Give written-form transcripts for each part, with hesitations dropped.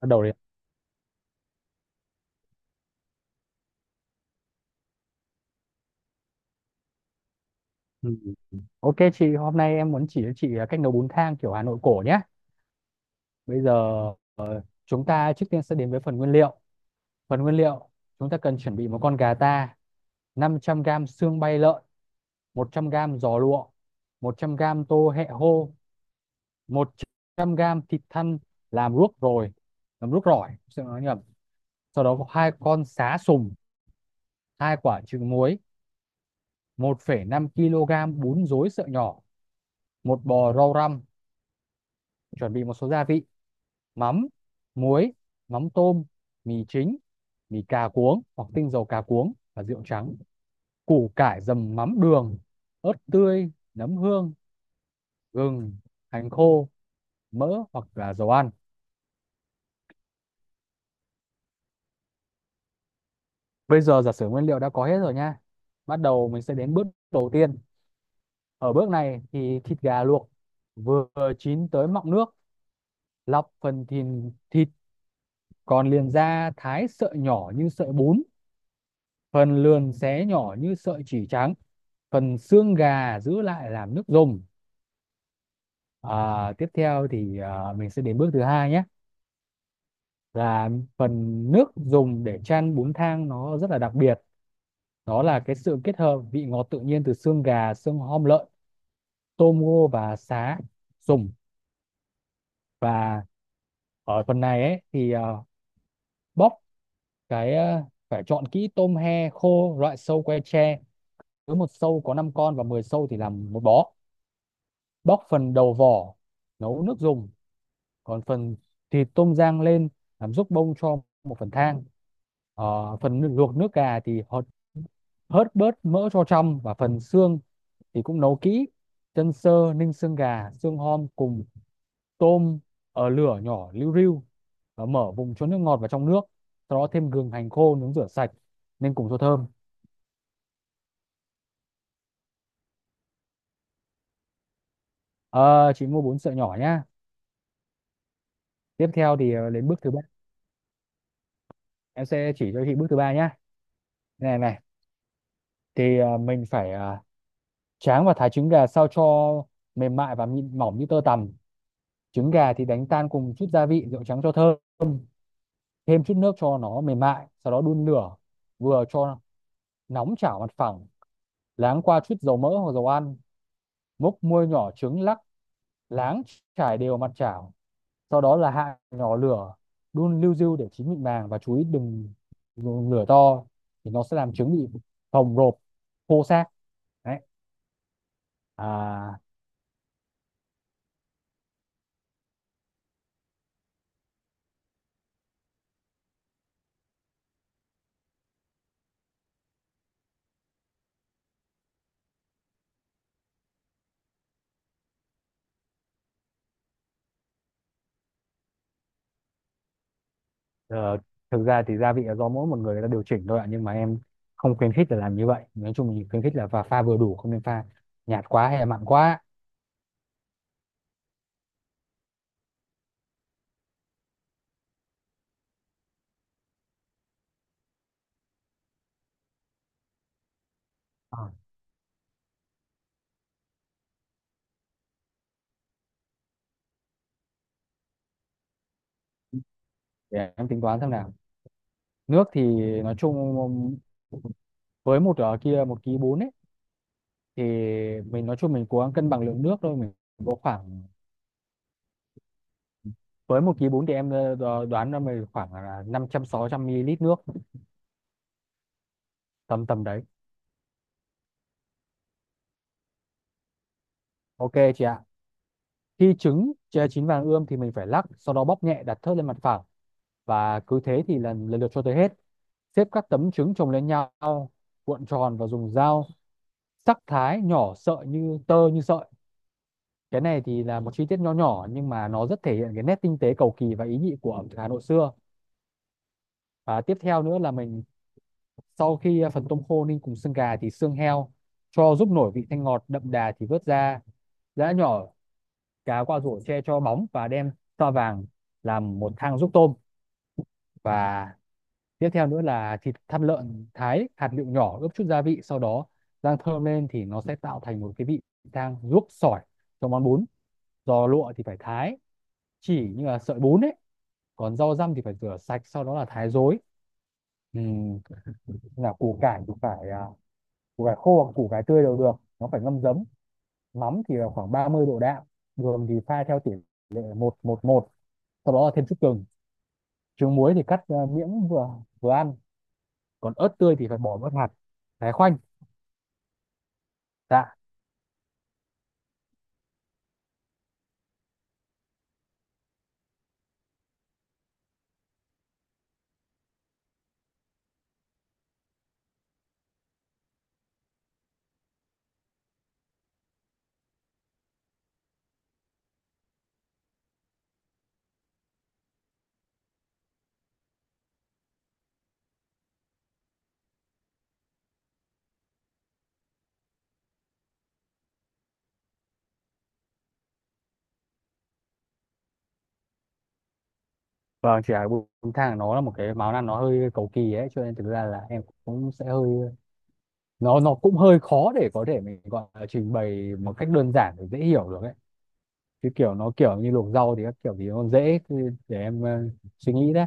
Bắt đầu đi. Ừ. Ừ, ok chị, hôm nay em muốn chỉ cho chị cách nấu bún thang kiểu Hà Nội cổ nhé. Bây giờ chúng ta trước tiên sẽ đến với phần nguyên liệu. Phần nguyên liệu, chúng ta cần chuẩn bị một con gà ta, 500 gam xương bay lợn, 100 gam giò lụa, 100 gam tô hẹ hô, 100 gam thịt thăn làm ruốc rồi, làm ruốc rỏi xin nói nhầm. Sau đó có hai con sá sùng, hai quả trứng muối, 1,5 kg bún rối sợi nhỏ, một bò rau răm. Chuẩn bị một số gia vị: mắm, muối, mắm tôm, mì chính, mì cà cuống hoặc tinh dầu cà cuống và rượu trắng, củ cải dầm mắm đường, ớt tươi, nấm hương, gừng, hành khô, mỡ hoặc là dầu ăn. Bây giờ giả sử nguyên liệu đã có hết rồi nha, bắt đầu mình sẽ đến bước đầu tiên. Ở bước này thì thịt gà luộc vừa chín tới mọng nước, lọc phần thịt còn liền ra thái sợi nhỏ như sợi bún, phần lườn xé nhỏ như sợi chỉ trắng, phần xương gà giữ lại làm nước dùng. Tiếp theo thì mình sẽ đến bước thứ hai nhé, là phần nước dùng để chan bún thang nó rất là đặc biệt. Đó là cái sự kết hợp vị ngọt tự nhiên từ xương gà, xương hom lợn, tôm ngô và sá dùng. Và ở phần này ấy thì bóc cái, phải chọn kỹ tôm he khô loại sâu que tre, cứ một sâu có 5 con và 10 sâu thì làm một bó. Bóc phần đầu vỏ nấu nước dùng, còn phần thịt tôm rang lên làm giúp bông cho một phần thang. Ờ, phần luộc nước gà thì hớt, hớt bớt mỡ cho trong, và phần xương thì cũng nấu kỹ. Chân sơ ninh xương gà, xương hom cùng tôm ở lửa nhỏ liu riu, và mở vùng cho nước ngọt vào trong nước. Sau đó thêm gừng, hành khô nướng rửa sạch nên cùng cho thơm. Ờ, chị mua bốn sợi nhỏ nhá. Tiếp theo thì đến bước thứ ba, em sẽ chỉ cho chị bước thứ ba nhá. Này này thì mình phải tráng và thái trứng gà sao cho mềm mại và mịn mỏng như tơ tằm. Trứng gà thì đánh tan cùng chút gia vị, rượu trắng cho thơm, thêm chút nước cho nó mềm mại, sau đó đun lửa vừa cho nóng chảo mặt phẳng, láng qua chút dầu mỡ hoặc dầu ăn, múc muôi nhỏ trứng lắc láng trải đều mặt chảo. Sau đó là hạ nhỏ lửa, đun liu riu để chín mịn màng, và chú ý đừng dùng lửa to thì nó sẽ làm trứng bị phồng rộp, khô xác đấy. à, Ờ, thực ra thì gia vị là do mỗi một người, người ta điều chỉnh thôi ạ, nhưng mà em không khuyến khích là làm như vậy. Nói chung mình khuyến khích là pha pha vừa đủ, không nên pha nhạt quá hay là mặn quá. Ờ, để em tính toán xem nào. Nước thì nói chung với một, ở kia một ký bốn ấy, thì mình nói chung mình cố gắng cân bằng lượng nước thôi, mình có khoảng, với một ký bốn thì em đoán là mình khoảng là năm trăm sáu trăm ml nước, tầm tầm đấy. Ok chị ạ. Khi trứng chế chín vàng ươm thì mình phải lắc, sau đó bóp nhẹ đặt thớt lên mặt phẳng, và cứ thế thì lần lần lượt cho tới hết, xếp các tấm trứng chồng lên nhau, cuộn tròn và dùng dao sắc thái nhỏ sợi như tơ như sợi. Cái này thì là một chi tiết nho nhỏ nhưng mà nó rất thể hiện cái nét tinh tế, cầu kỳ và ý nhị của ẩm thực Hà Nội xưa. Và tiếp theo nữa là mình, sau khi phần tôm khô ninh cùng xương gà thì xương heo cho giúp nổi vị thanh ngọt đậm đà thì vớt ra giã nhỏ, cá qua rổ che cho bóng và đem sao vàng làm một thang giúp tôm. Và tiếp theo nữa là thịt thăn lợn thái hạt lựu nhỏ, ướp chút gia vị, sau đó rang thơm lên thì nó sẽ tạo thành một cái vị thang ruốc sỏi cho món bún. Giò lụa thì phải thái chỉ như là sợi bún ấy. Còn rau răm thì phải rửa sạch sau đó là thái rối. Ừ, là củ cải thì phải, củ cải khô hoặc củ cải tươi đều được, nó phải ngâm giấm. Mắm thì là khoảng 30 độ đạm, đường thì pha theo tỷ lệ một một một. Sau đó là thêm chút gừng. Trứng muối thì cắt miếng vừa vừa ăn. Còn ớt tươi thì phải bỏ bớt hạt, thái khoanh. Dạ vâng chỉ là bún thang nó là một cái món ăn nó hơi cầu kỳ ấy, cho nên thực ra là em cũng sẽ hơi, nó cũng hơi khó để có thể mình gọi là trình bày một cách đơn giản để dễ hiểu được ấy, chứ kiểu nó kiểu như luộc rau thì các kiểu thì nó dễ. Cứ để em suy nghĩ đấy.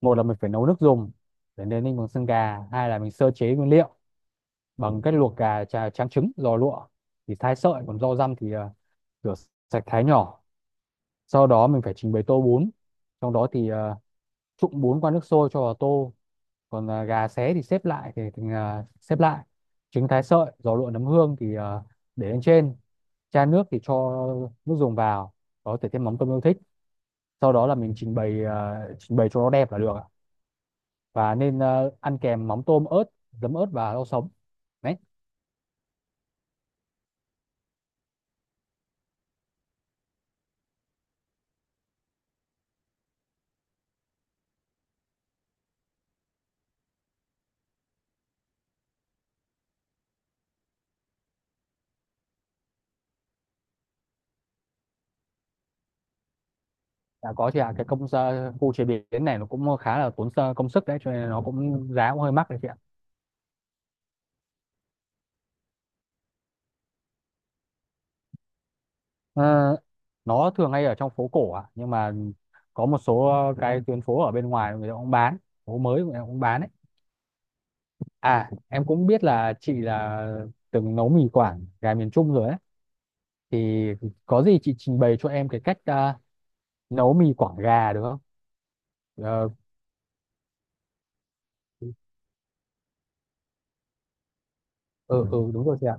Một là mình phải nấu nước dùng để nên ninh bằng xương gà, hai là mình sơ chế nguyên liệu bằng cách luộc gà trà, tráng trứng, giò lụa thì thái sợi, còn rau răm thì rửa sạch thái nhỏ. Sau đó mình phải trình bày tô bún, trong đó thì trụng bốn qua nước sôi cho vào tô, còn gà xé thì xếp lại, xếp lại, trứng thái sợi, giò lụa, nấm hương thì để lên trên. Chan nước thì cho nước dùng vào, có thể thêm mắm tôm yêu thích. Sau đó là mình trình bày, trình bày cho nó đẹp là được ạ. Và nên ăn kèm mắm tôm ớt, giấm ớt và rau sống đấy. Đã có chị ạ. Cái khu chế biến này nó cũng khá là tốn công sức đấy, cho nên nó cũng giá cũng hơi mắc đấy chị ạ. Ờ, nó thường hay ở trong phố cổ ạ, nhưng mà có một số cái tuyến phố ở bên ngoài người ta cũng bán, phố mới người ta cũng bán ấy. À, em cũng biết là chị là từng nấu mì Quảng gà miền Trung rồi ấy, thì có gì chị trình bày cho em cái cách nấu mì Quảng gà được không? Ờ. Ừ, đúng rồi chị ạ.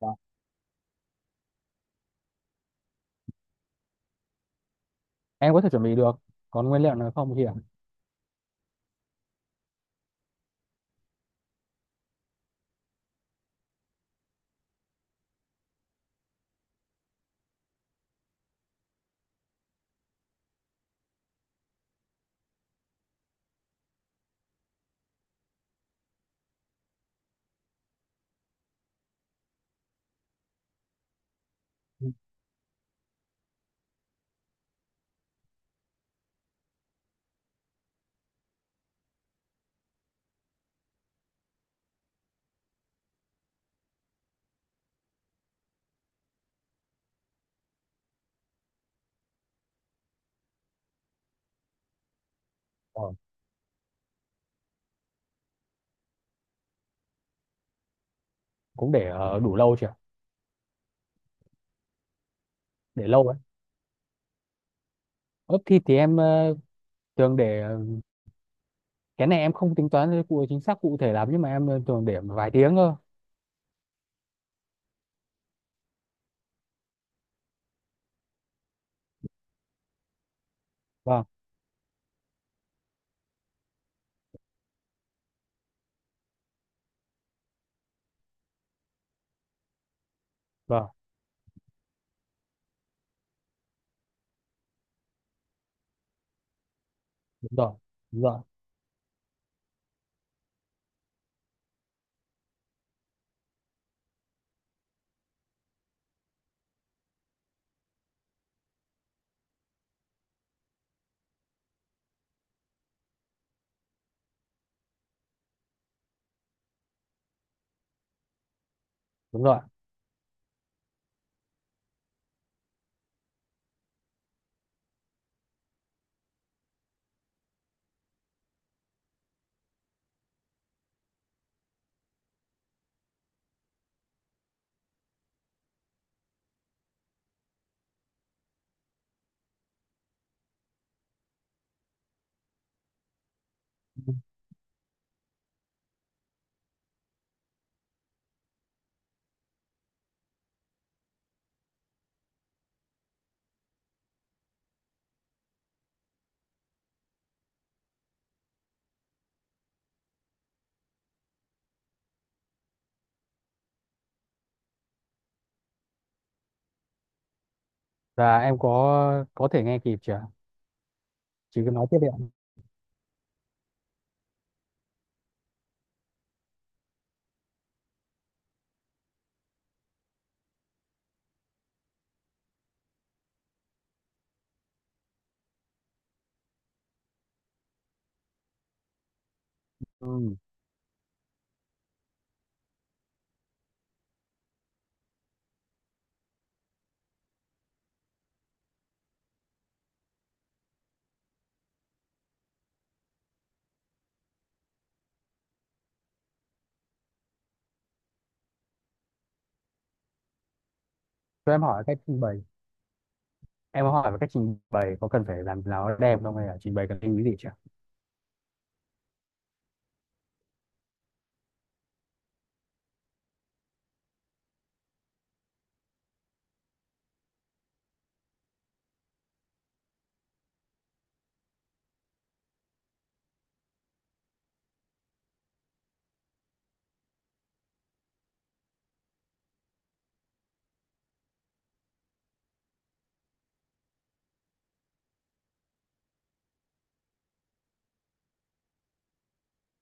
Dạ, em có thể chuẩn bị được, còn nguyên liệu nào không chị ạ? Ờ, cũng để đủ lâu chị ạ. Để lâu ấy, ướp thịt thì em thường để, cái này em không tính toán cụ chính xác cụ thể lắm, nhưng mà em thường để vài tiếng cơ. Vâng. Vâng. Đúng rồi. Đúng rồi. Đúng rồi. Và em có thể nghe kịp chưa? Chị cứ nói tiếp đi ạ. Ừ. Cho em hỏi cách trình bày, em có hỏi về cách trình bày có cần phải làm nào đẹp không, hay là trình bày cần lưu ý gì chưa?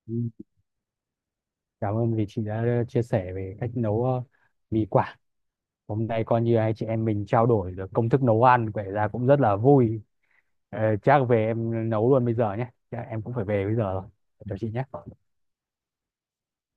Ừ. Cảm ơn vì chị đã chia sẻ về cách nấu mì Quảng. Hôm nay coi như hai chị em mình trao đổi được công thức nấu ăn, vậy ra cũng rất là vui. Ờ, chắc về em nấu luôn bây giờ nhé, chắc em cũng phải về bây giờ rồi. Chào chị nhé.